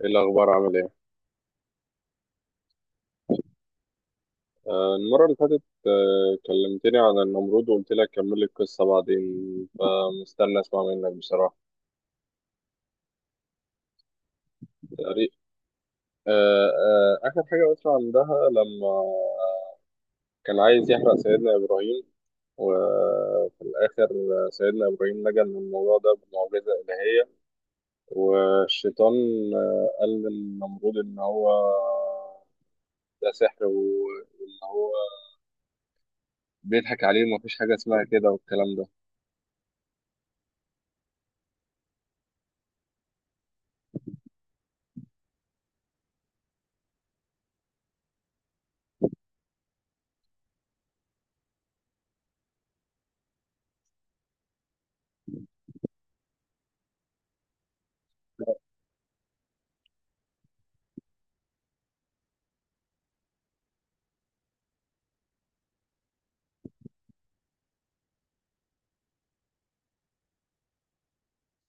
ايه الاخبار؟ عامل ايه؟ المره اللي فاتت كلمتني عن النمرود وقلت لك كمل لي القصه بعدين، فمستني اسمع منك بصراحه. تقريبا. اخر حاجه قلت عندها لما كان عايز يحرق سيدنا ابراهيم، وفي الاخر سيدنا ابراهيم نجا من الموضوع ده بمعجزه الهيه. والشيطان قال للنمرود ان هو ده سحر، وان هو بيضحك عليه ومفيش حاجه اسمها كده والكلام ده.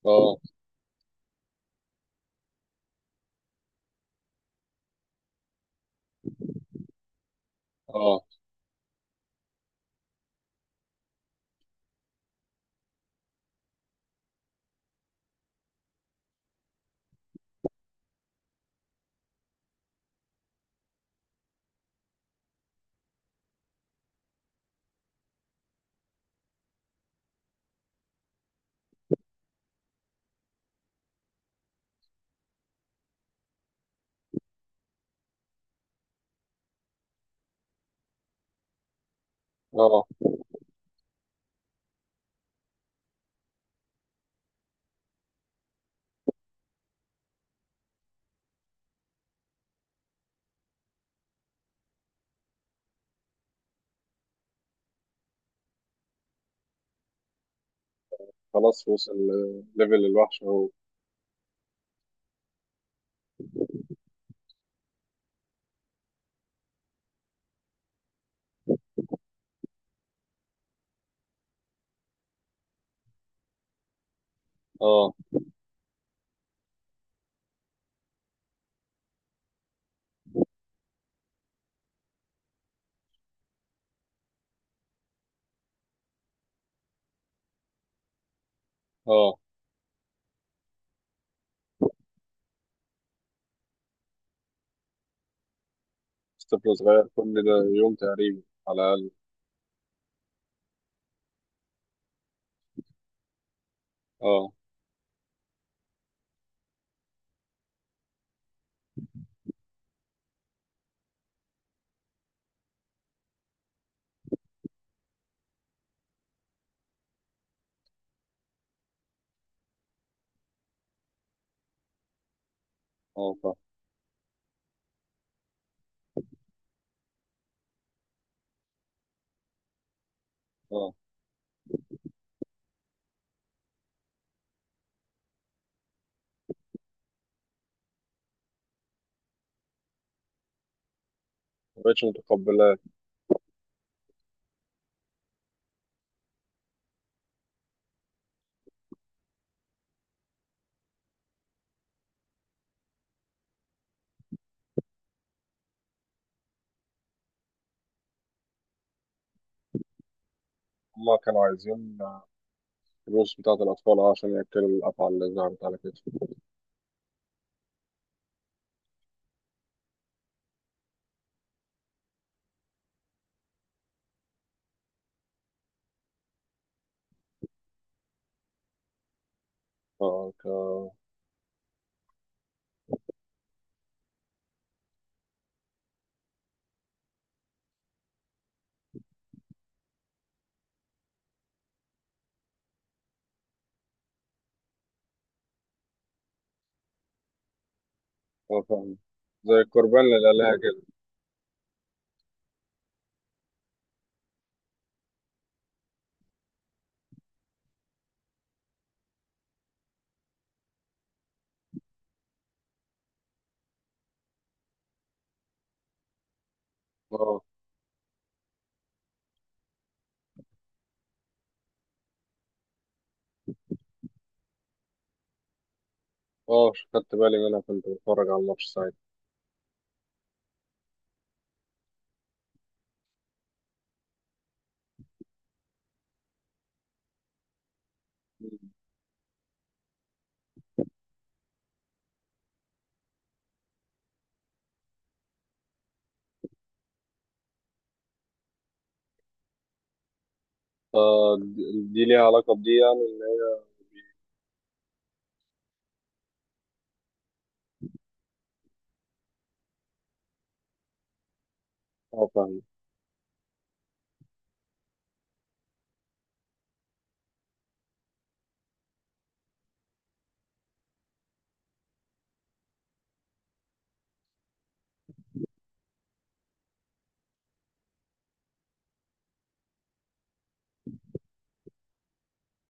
اه. اه. اه، خلاص وصل. ليفل الوحش اهو. اه. اه، طفل صغير كل ده؟ يوم تقريبا، على الأقل. اه. اه. اه، مبقتش متقبلاه. هما كانوا عايزين الفلوس بتاعة الأطفال عشان يأكلوا الأفعى اللي ظهرت على كتفه. اه. اه، فاهم، زي القربان للآلهة كده. اه. اه، خدت بالي منها، كنت بتفرج على الماتش ساعتها. آه، دي دي ليها علاقة بدي، يعني إن هي- اه، فاهم.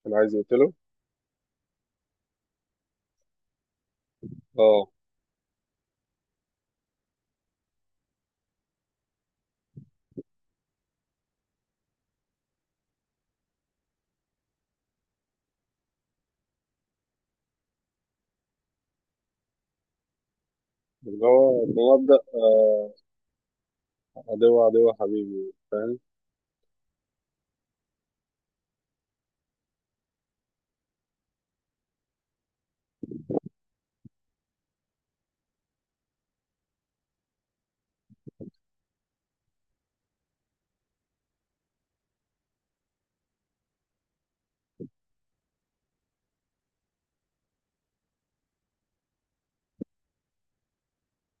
كان عايز يقتله. اه. اللي هو بمبدأ عدو عدو حبيبي، فاهم؟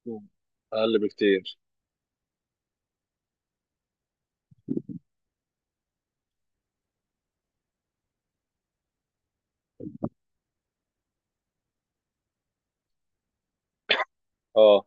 مم. اقل بكتير. اه.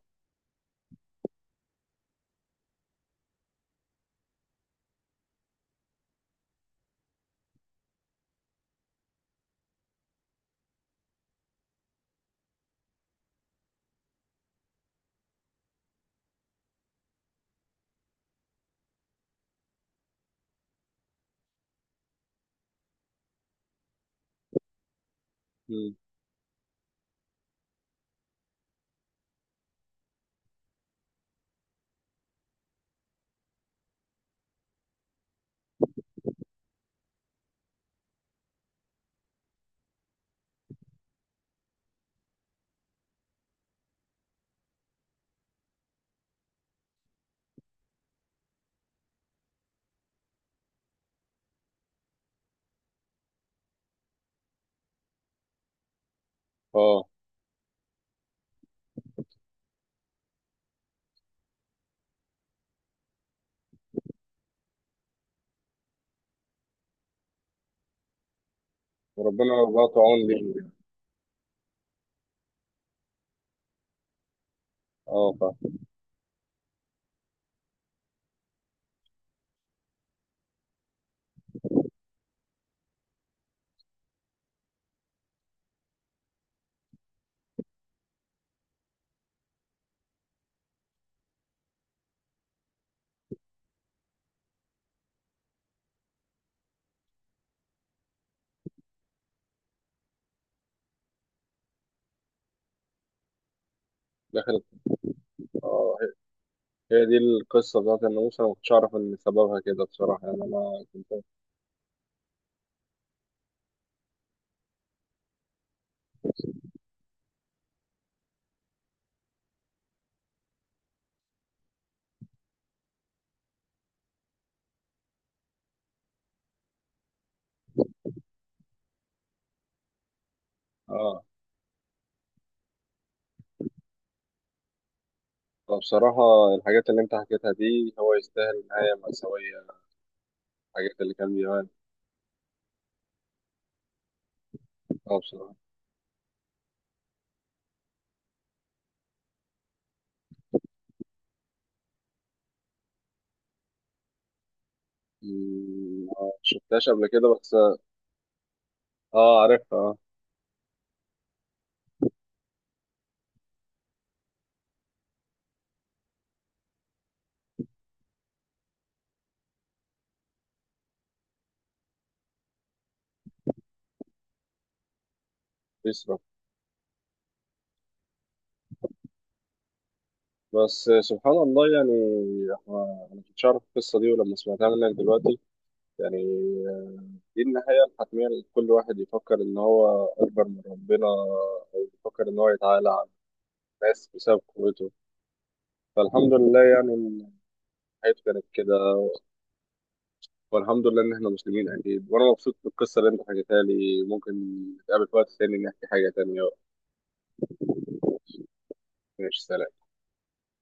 مم. اه، وربنا برضه عون لي. اه، فاهم. دخلت. اه، هي دي القصه بتاعت الناموسه، انا ما كنتش اعرف ان سببها كده بصراحه، يعني انا كنت. اه، فبصراحه الحاجات اللي انت حكيتها دي، هو يستاهل نهايه مأساويه. الحاجات اللي كان بيعمل. اه، بصراحه. مم، ما شفتهاش قبل كده بس. اه، عارفها اه. بيسرا. بس سبحان الله يعني. احنا، انا ما كنتش اعرف القصه دي، ولما سمعتها منك دلوقتي يعني، دي النهاية الحتمية لكل واحد يفكر إن هو أكبر من ربنا، أو يفكر إن هو يتعالى على الناس بسبب قوته. فالحمد لله يعني إن حياته كانت كده. والحمد لله إن إحنا مسلمين أكيد، وأنا مبسوط بالقصة اللي أنت حكيتها لي. ممكن نتقابل في وقت تاني نحكي حاجة تانية. ماشي، سلام.